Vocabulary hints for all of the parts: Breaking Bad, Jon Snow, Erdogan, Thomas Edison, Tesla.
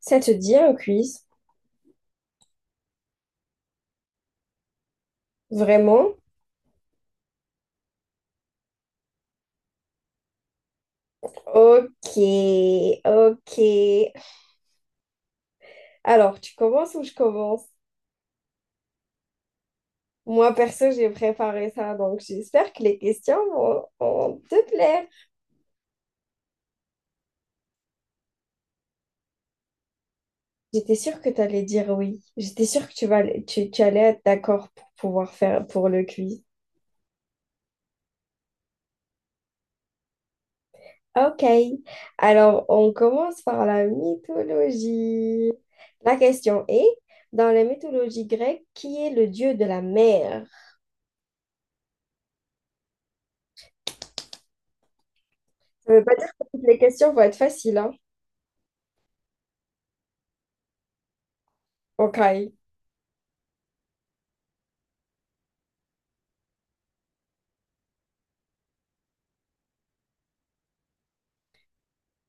Ça te dit un quiz? Vraiment? Ok, ok. Alors, tu commences ou je commence? Moi, perso, j'ai préparé ça, donc j'espère que les questions vont te plaire. J'étais sûre que tu allais dire oui. J'étais sûre que tu allais être d'accord pour pouvoir faire pour le quiz. Ok. Alors, on commence par la mythologie. La question est, dans la mythologie grecque, qui est le dieu de la mer? Ça ne veut pas dire que toutes les questions vont être faciles, hein. Ok.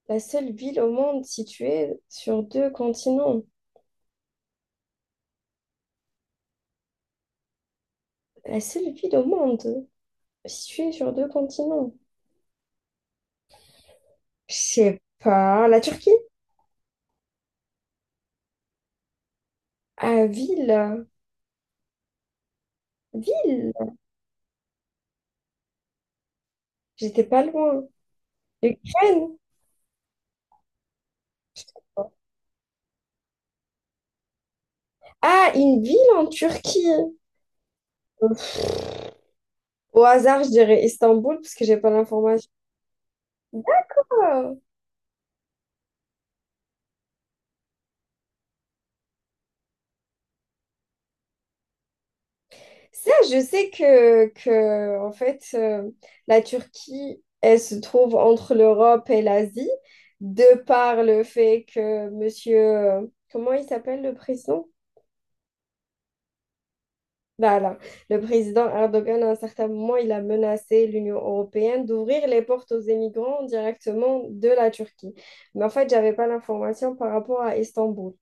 La seule ville au monde située sur deux continents. La seule ville au monde située sur deux continents. Je sais pas. La Turquie? Ah, ville. Ville. J'étais pas loin. L'Ukraine? Ah, une ville en Turquie. Au hasard, je dirais Istanbul parce que j'ai pas l'information. Ah, ça, je sais que en fait, la Turquie, elle se trouve entre l'Europe et l'Asie, de par le fait que monsieur, comment il s'appelle le président? Voilà, le président Erdogan, à un certain moment, il a menacé l'Union européenne d'ouvrir les portes aux émigrants directement de la Turquie. Mais en fait, j'avais pas l'information par rapport à Istanbul.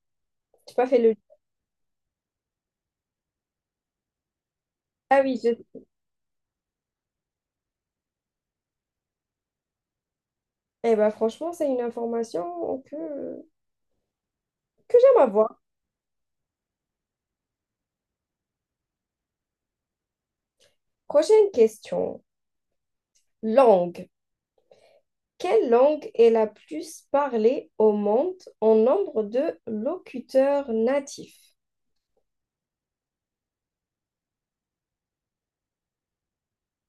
J'ai pas fait le... Ah oui, je... Eh ben, franchement, c'est une information que j'aime avoir. Prochaine question. Langue. Quelle langue est la plus parlée au monde en nombre de locuteurs natifs?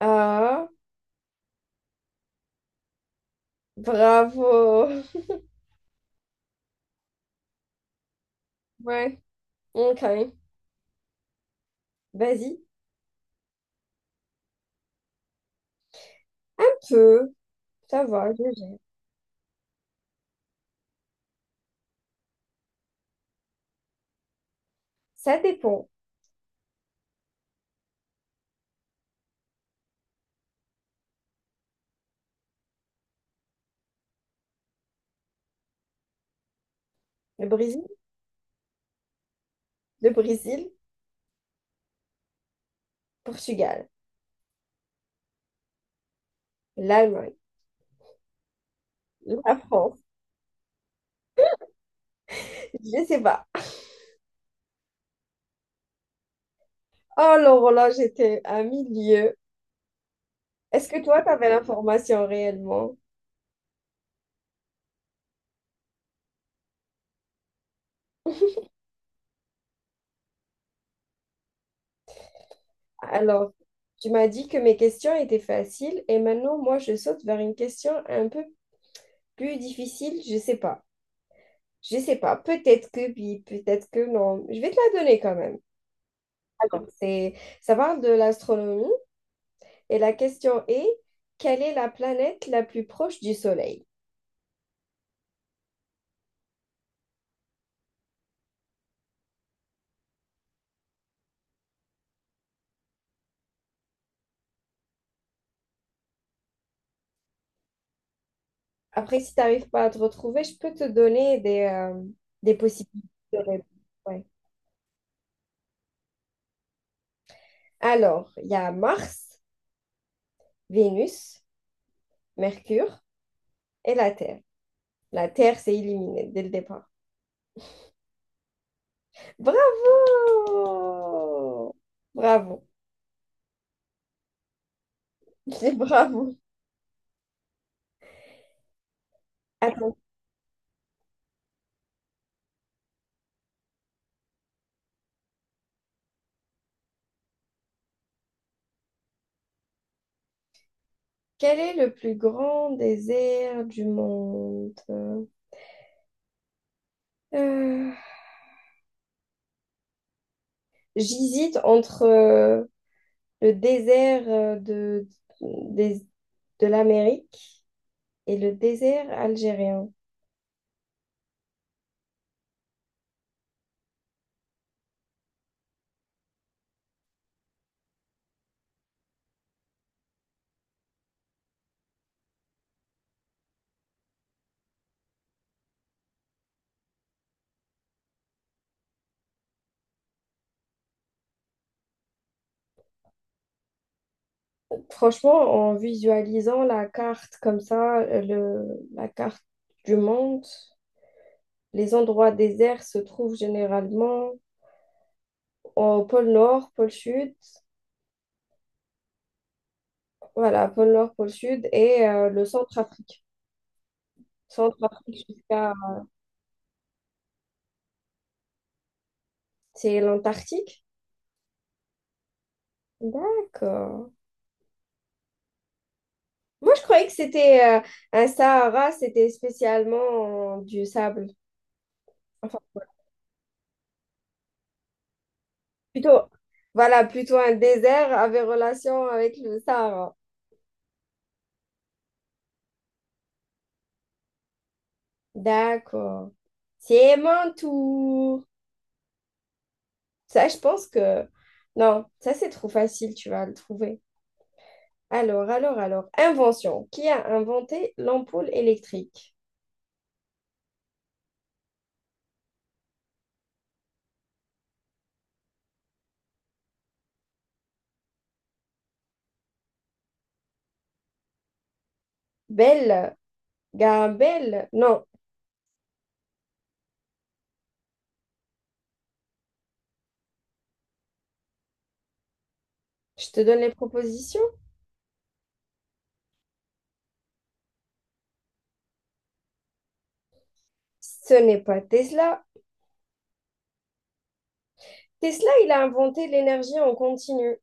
Ah, bravo. Ouais, ok. Vas-y, un peu. Ça va, je gère. Ça dépend. Le Brésil, le Brésil, Portugal, l'Allemagne, la France. Je sais pas. Oh, Laurent, là, j'étais à milieu. Est-ce que toi, t'avais l'information réellement? Alors, tu m'as dit que mes questions étaient faciles et maintenant, moi, je saute vers une question un peu plus difficile. Je sais pas. Je sais pas. Peut-être que oui, peut-être que non. Je vais te la donner quand même. Alors, c'est, ça parle de l'astronomie. Et la question est, quelle est la planète la plus proche du Soleil? Après, si tu n'arrives pas à te retrouver, je peux te donner des possibilités de réponse. Ouais. Alors, il y a Mars, Vénus, Mercure et la Terre. La Terre, c'est éliminé dès le départ. Bravo! Bravo. Je dis bravo. Attends, quel est le plus grand désert du monde? Euh, j'hésite entre le désert de, des- de l'Amérique et le désert algérien. Franchement, en visualisant la carte comme ça, le, la carte du monde, les endroits déserts se trouvent généralement au pôle Nord, pôle Sud. Voilà, pôle Nord, pôle Sud et le Centre-Afrique. Centre-Afrique jusqu'à... C'est l'Antarctique? D'accord. Moi, je croyais que c'était un Sahara, c'était spécialement du sable. Enfin, plutôt, voilà, plutôt un désert avait relation avec le Sahara. D'accord. C'est mon tour. Ça, je pense que... Non, ça, c'est trop facile, tu vas le trouver. Alors, invention. Qui a inventé l'ampoule électrique? Belle, Gabelle. Non, je te donne les propositions. Ce n'est pas Tesla. Tesla, il a inventé l'énergie en continu.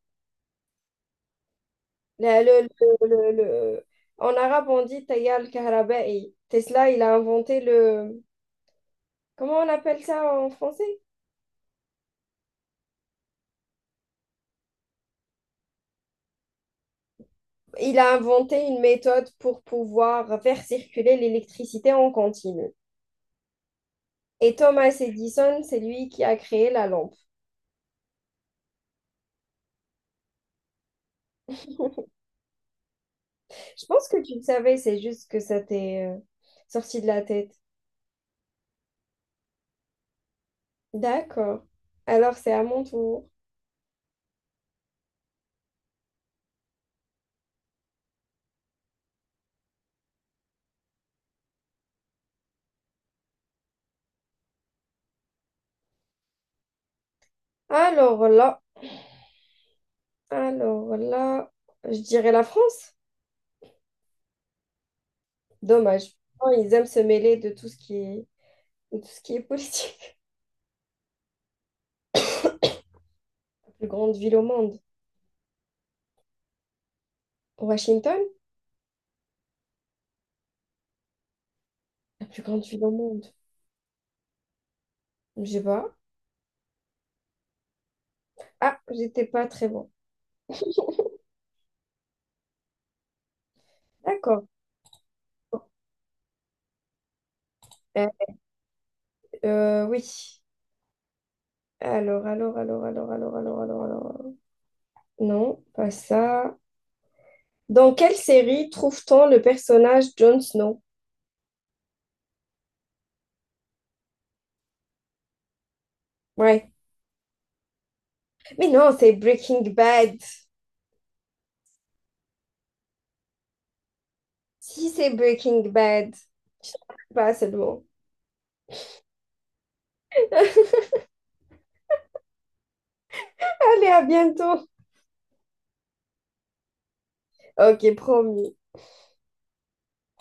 La- le- le- le- le- En arabe, on dit Tayal Kahraba'i. Tesla, il a inventé le... Comment on appelle ça en français? Il a inventé une méthode pour pouvoir faire circuler l'électricité en continu. Et Thomas Edison, c'est lui qui a créé la lampe. Je pense que tu le savais, c'est juste que ça t'est sorti de la tête. D'accord. Alors, c'est à mon tour. Alors là, alors là, je dirais la France. Dommage. Oh, ils aiment se mêler de tout ce qui est, de tout ce qui est politique. La plus grande ville au monde. Washington? La plus grande ville au monde. Je sais pas. Ah, j'étais pas très bon. D'accord. Euh, euh, oui. Alors, alors. Non, pas ça. Dans quelle série trouve-t-on le personnage Jon Snow? Ouais. Mais non, c'est Breaking Bad. Si c'est Breaking Bad, je ne sais pas seulement. Allez, à bientôt. Ok, promis.